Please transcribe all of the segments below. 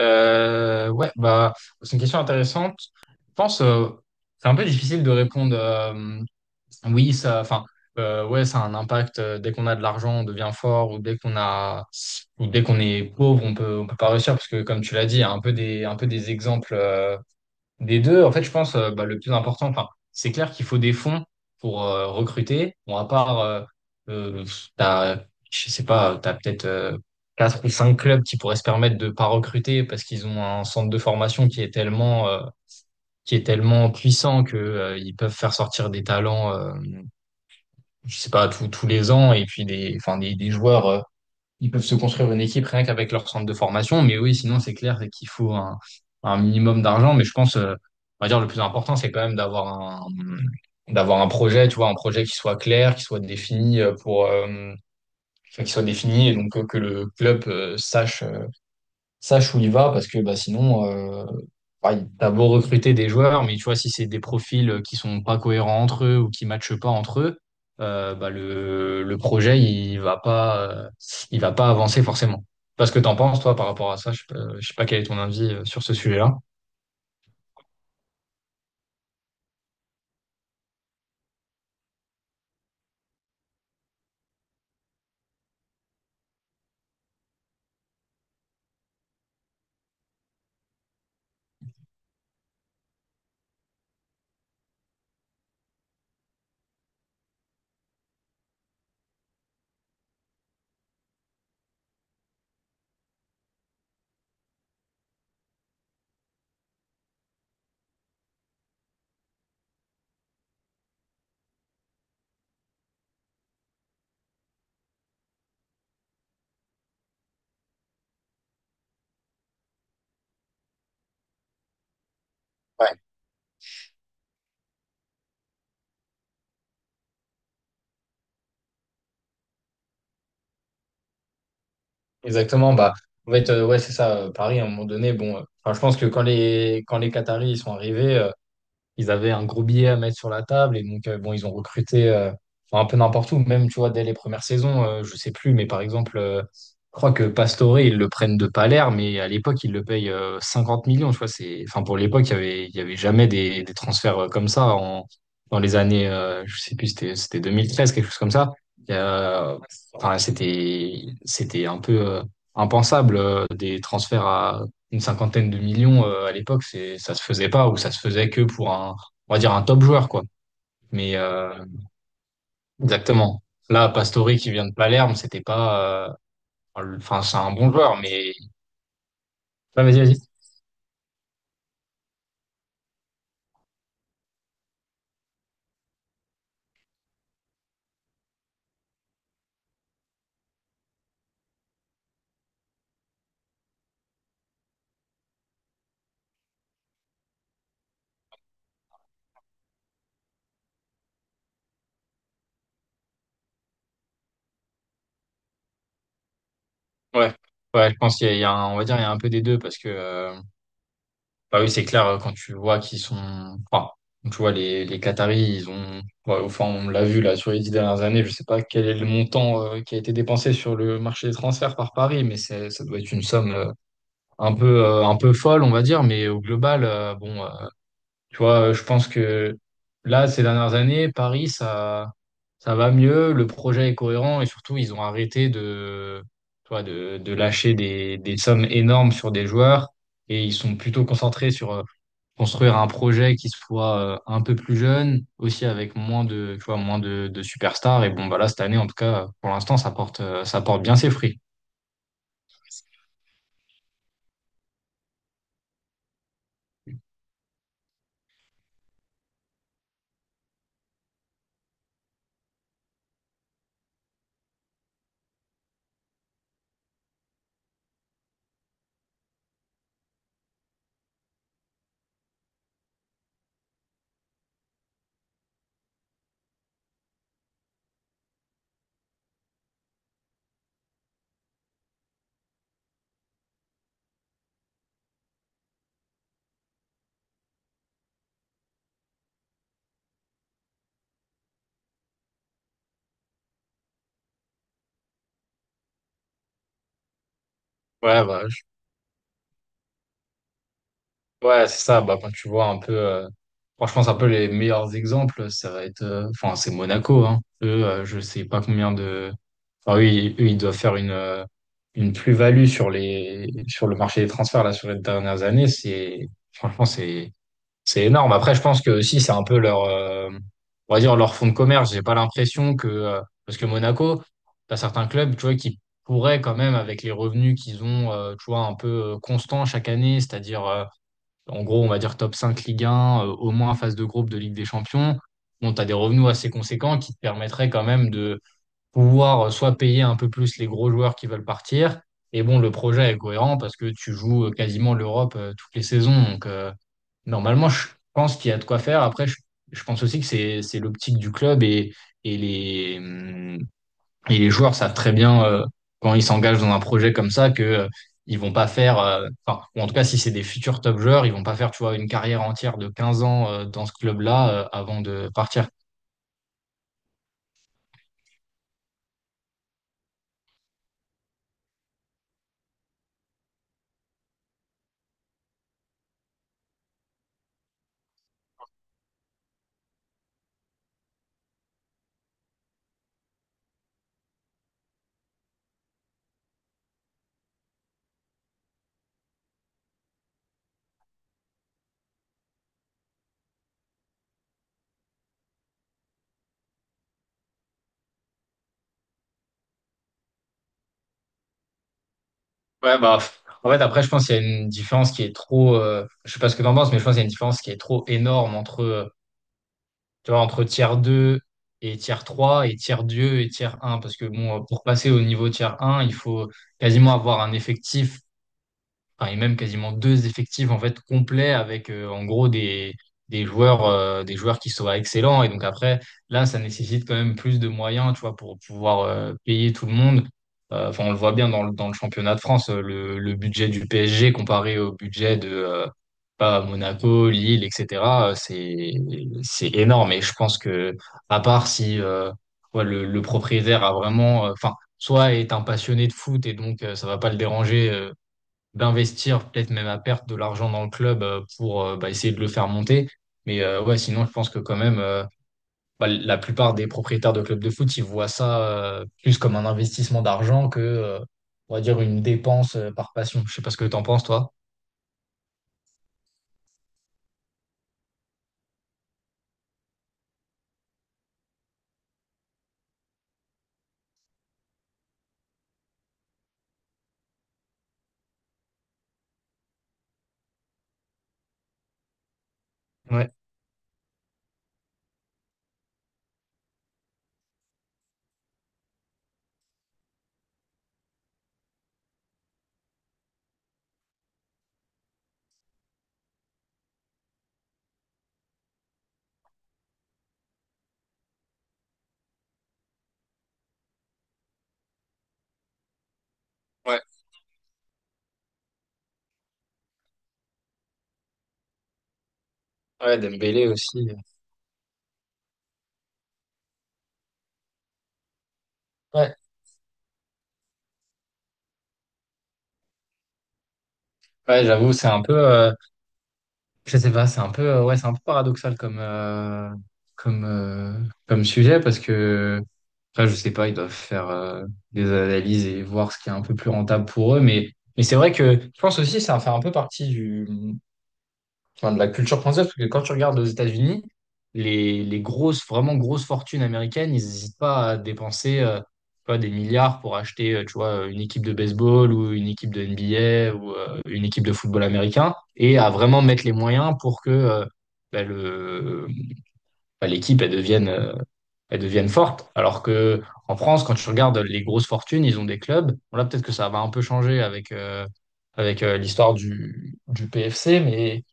Ouais, bah, c'est une question intéressante. Je pense, c'est un peu difficile de répondre, oui, ça, enfin, ouais, ça a un impact. Dès qu'on a de l'argent, on devient fort, ou dès qu'on a, ou dès qu'on est pauvre, On peut pas réussir, parce que, comme tu l'as dit, il y a un peu des exemples. Des deux, en fait, je pense, bah, le plus important, enfin, c'est clair qu'il faut des fonds pour recruter. Bon, à part, euh, t'as, je sais pas, t'as peut-être quatre ou cinq clubs qui pourraient se permettre de pas recruter parce qu'ils ont un centre de formation qui est tellement puissant que ils peuvent faire sortir des talents, je sais pas, tous les ans, et puis des, enfin, des joueurs. Ils peuvent se construire une équipe rien qu'avec leur centre de formation. Mais oui, sinon, c'est clair, c'est qu'il faut un minimum d'argent. Mais je pense, on va dire, le plus important, c'est quand même un, d'avoir un projet, tu vois, un projet qui soit clair, qui soit défini pour, enfin, qui soit défini, et donc que le club sache où il va, parce que bah, sinon, t'as beau recruter des joueurs, mais tu vois, si c'est des profils qui sont pas cohérents entre eux ou qui matchent pas entre eux, bah, le projet, il va pas avancer forcément. Parce que t'en penses, toi, par rapport à ça, je sais pas quel est ton avis sur ce sujet-là. Ouais, exactement. Bah, en fait, ouais, c'est ça. Paris, à un moment donné, bon, enfin, je pense que quand quand les Qataris, ils sont arrivés, ils avaient un gros billet à mettre sur la table, et donc bon, ils ont recruté enfin, un peu n'importe où, même tu vois dès les premières saisons, je sais plus, mais par exemple, je crois que Pastore, ils le prennent de Palerme, mais à l'époque ils le payent 50 millions, tu vois, c'est, enfin, pour l'époque, il y avait jamais des transferts comme ça, en dans les années, je sais plus, c'était 2013, quelque chose comme ça. Et, euh, enfin, c'était un peu impensable, des transferts à une cinquantaine de millions à l'époque, c'est, ça se faisait pas, ou ça se faisait que pour un, on va dire, un top joueur, quoi. Mais exactement. Là, Pastore qui vient de Palerme, c'était pas, enfin c'est un bon joueur, mais... Ah, vas-y, vas-y. Ouais, ouais, je pense qu'il y a, il y a un- on va dire, il y a un peu des deux, parce que, bah oui, c'est clair, quand tu vois qu'ils sont, enfin, tu vois les Qataris, ils ont, ouais, enfin on l'a vu là sur les 10 dernières années, je sais pas quel est le montant qui a été dépensé sur le marché des transferts par Paris, mais c'est, ça doit être une somme. Un peu folle, on va dire, mais au global, bon, tu vois, je pense que là, ces dernières années, Paris, ça va mieux, le projet est cohérent, et surtout, ils ont arrêté de, tu vois, de lâcher des sommes énormes sur des joueurs, et ils sont plutôt concentrés sur construire un projet qui soit un peu plus jeune, aussi avec moins de, tu vois, moins de superstars. Et bon, bah là, cette année, en tout cas, pour l'instant, ça porte bien ses fruits. Ouais, bah, ouais, c'est ça. Bah, quand tu vois un peu, franchement, c'est un peu les meilleurs exemples. Ça va être, enfin, c'est Monaco, hein. Eux, je sais pas combien de. Enfin, oui, eux, ils doivent faire une plus-value sur le marché des transferts là sur les dernières années. C'est, franchement, c'est énorme. Après, je pense que aussi, c'est un peu leur, on va dire, leur fonds de commerce. J'ai pas l'impression que, parce que Monaco, t'as certains clubs, tu vois, qui pourraient quand même avec les revenus qu'ils ont, tu vois, un peu constants chaque année, c'est-à-dire en gros, on va dire top 5 Ligue un, au moins phase de groupe de Ligue des Champions. Bon, tu as des revenus assez conséquents qui te permettraient quand même de pouvoir, soit payer un peu plus les gros joueurs qui veulent partir. Et bon, le projet est cohérent parce que tu joues quasiment l'Europe toutes les saisons. Donc, normalement, je pense qu'il y a de quoi faire. Après, je pense aussi que c'est l'optique du club, et les, hum, et les joueurs savent très bien quand ils s'engagent dans un projet comme ça que ils vont pas faire, enfin, ou en tout cas si c'est des futurs top joueurs, ils vont pas faire, tu vois, une carrière entière de 15 ans dans ce club-là avant de partir. Ouais, bah, en fait, après, je pense qu'il y a une différence qui est trop, je sais pas ce que t'en penses, mais je pense qu'il y a une différence qui est trop énorme entre, tu vois, entre tiers 2 et tiers trois, et tiers 2 et tiers un, parce que bon, pour passer au niveau tiers un, il faut quasiment avoir un effectif, enfin, et même quasiment deux effectifs en fait complets avec en gros des joueurs qui soient excellents, et donc après, là ça nécessite quand même plus de moyens, tu vois, pour pouvoir payer tout le monde. Enfin, on le voit bien dans le championnat de France, le budget du PSG comparé au budget de pas Monaco, Lille, etc., c'est énorme, et je pense que à part si ouais, le propriétaire a vraiment enfin soit est un passionné de foot, et donc ça va pas le déranger d'investir peut-être même à perte de l'argent dans le club pour bah, essayer de le faire monter. Mais ouais, sinon, je pense que quand même, bah, la plupart des propriétaires de clubs de foot, ils voient ça plus comme un investissement d'argent que, on va dire, une dépense par passion. Je sais pas ce que t'en penses, toi. Ouais, ouais, ouais, Dembélé aussi. Ouais, ouais, j'avoue, c'est un peu... Je sais pas, c'est un peu, ouais, c'est un peu paradoxal comme, comme, euh, comme sujet, parce que après, je sais pas, ils doivent faire des analyses et voir ce qui est un peu plus rentable pour eux. Mais c'est vrai que je pense aussi que ça fait un peu partie du, enfin, de la culture française, parce que quand tu regardes aux États-Unis, les grosses, vraiment grosses fortunes américaines, ils n'hésitent pas à dépenser tu vois, des milliards pour acheter tu vois, une équipe de baseball, ou une équipe de NBA, ou une équipe de football américain, et à vraiment mettre les moyens pour que bah, l'équipe elle devienne forte. Alors que en France, quand tu regardes les grosses fortunes, ils ont des clubs. Bon, là, peut-être que ça va un peu changer avec, l'histoire du PFC, mais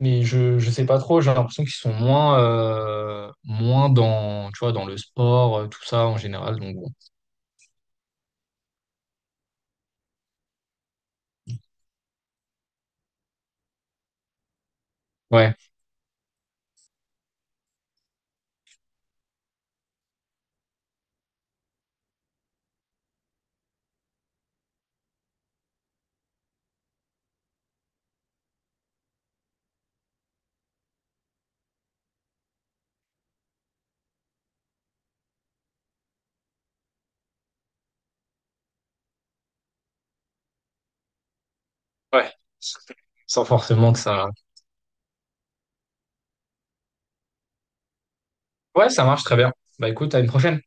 mais je sais pas trop, j'ai l'impression qu'ils sont moins, moins dans, tu vois, dans le sport, tout ça en général. Donc bon. Ouais, ouais. Sans forcément que ça. Ouais, ça marche très bien. Bah écoute, à une prochaine.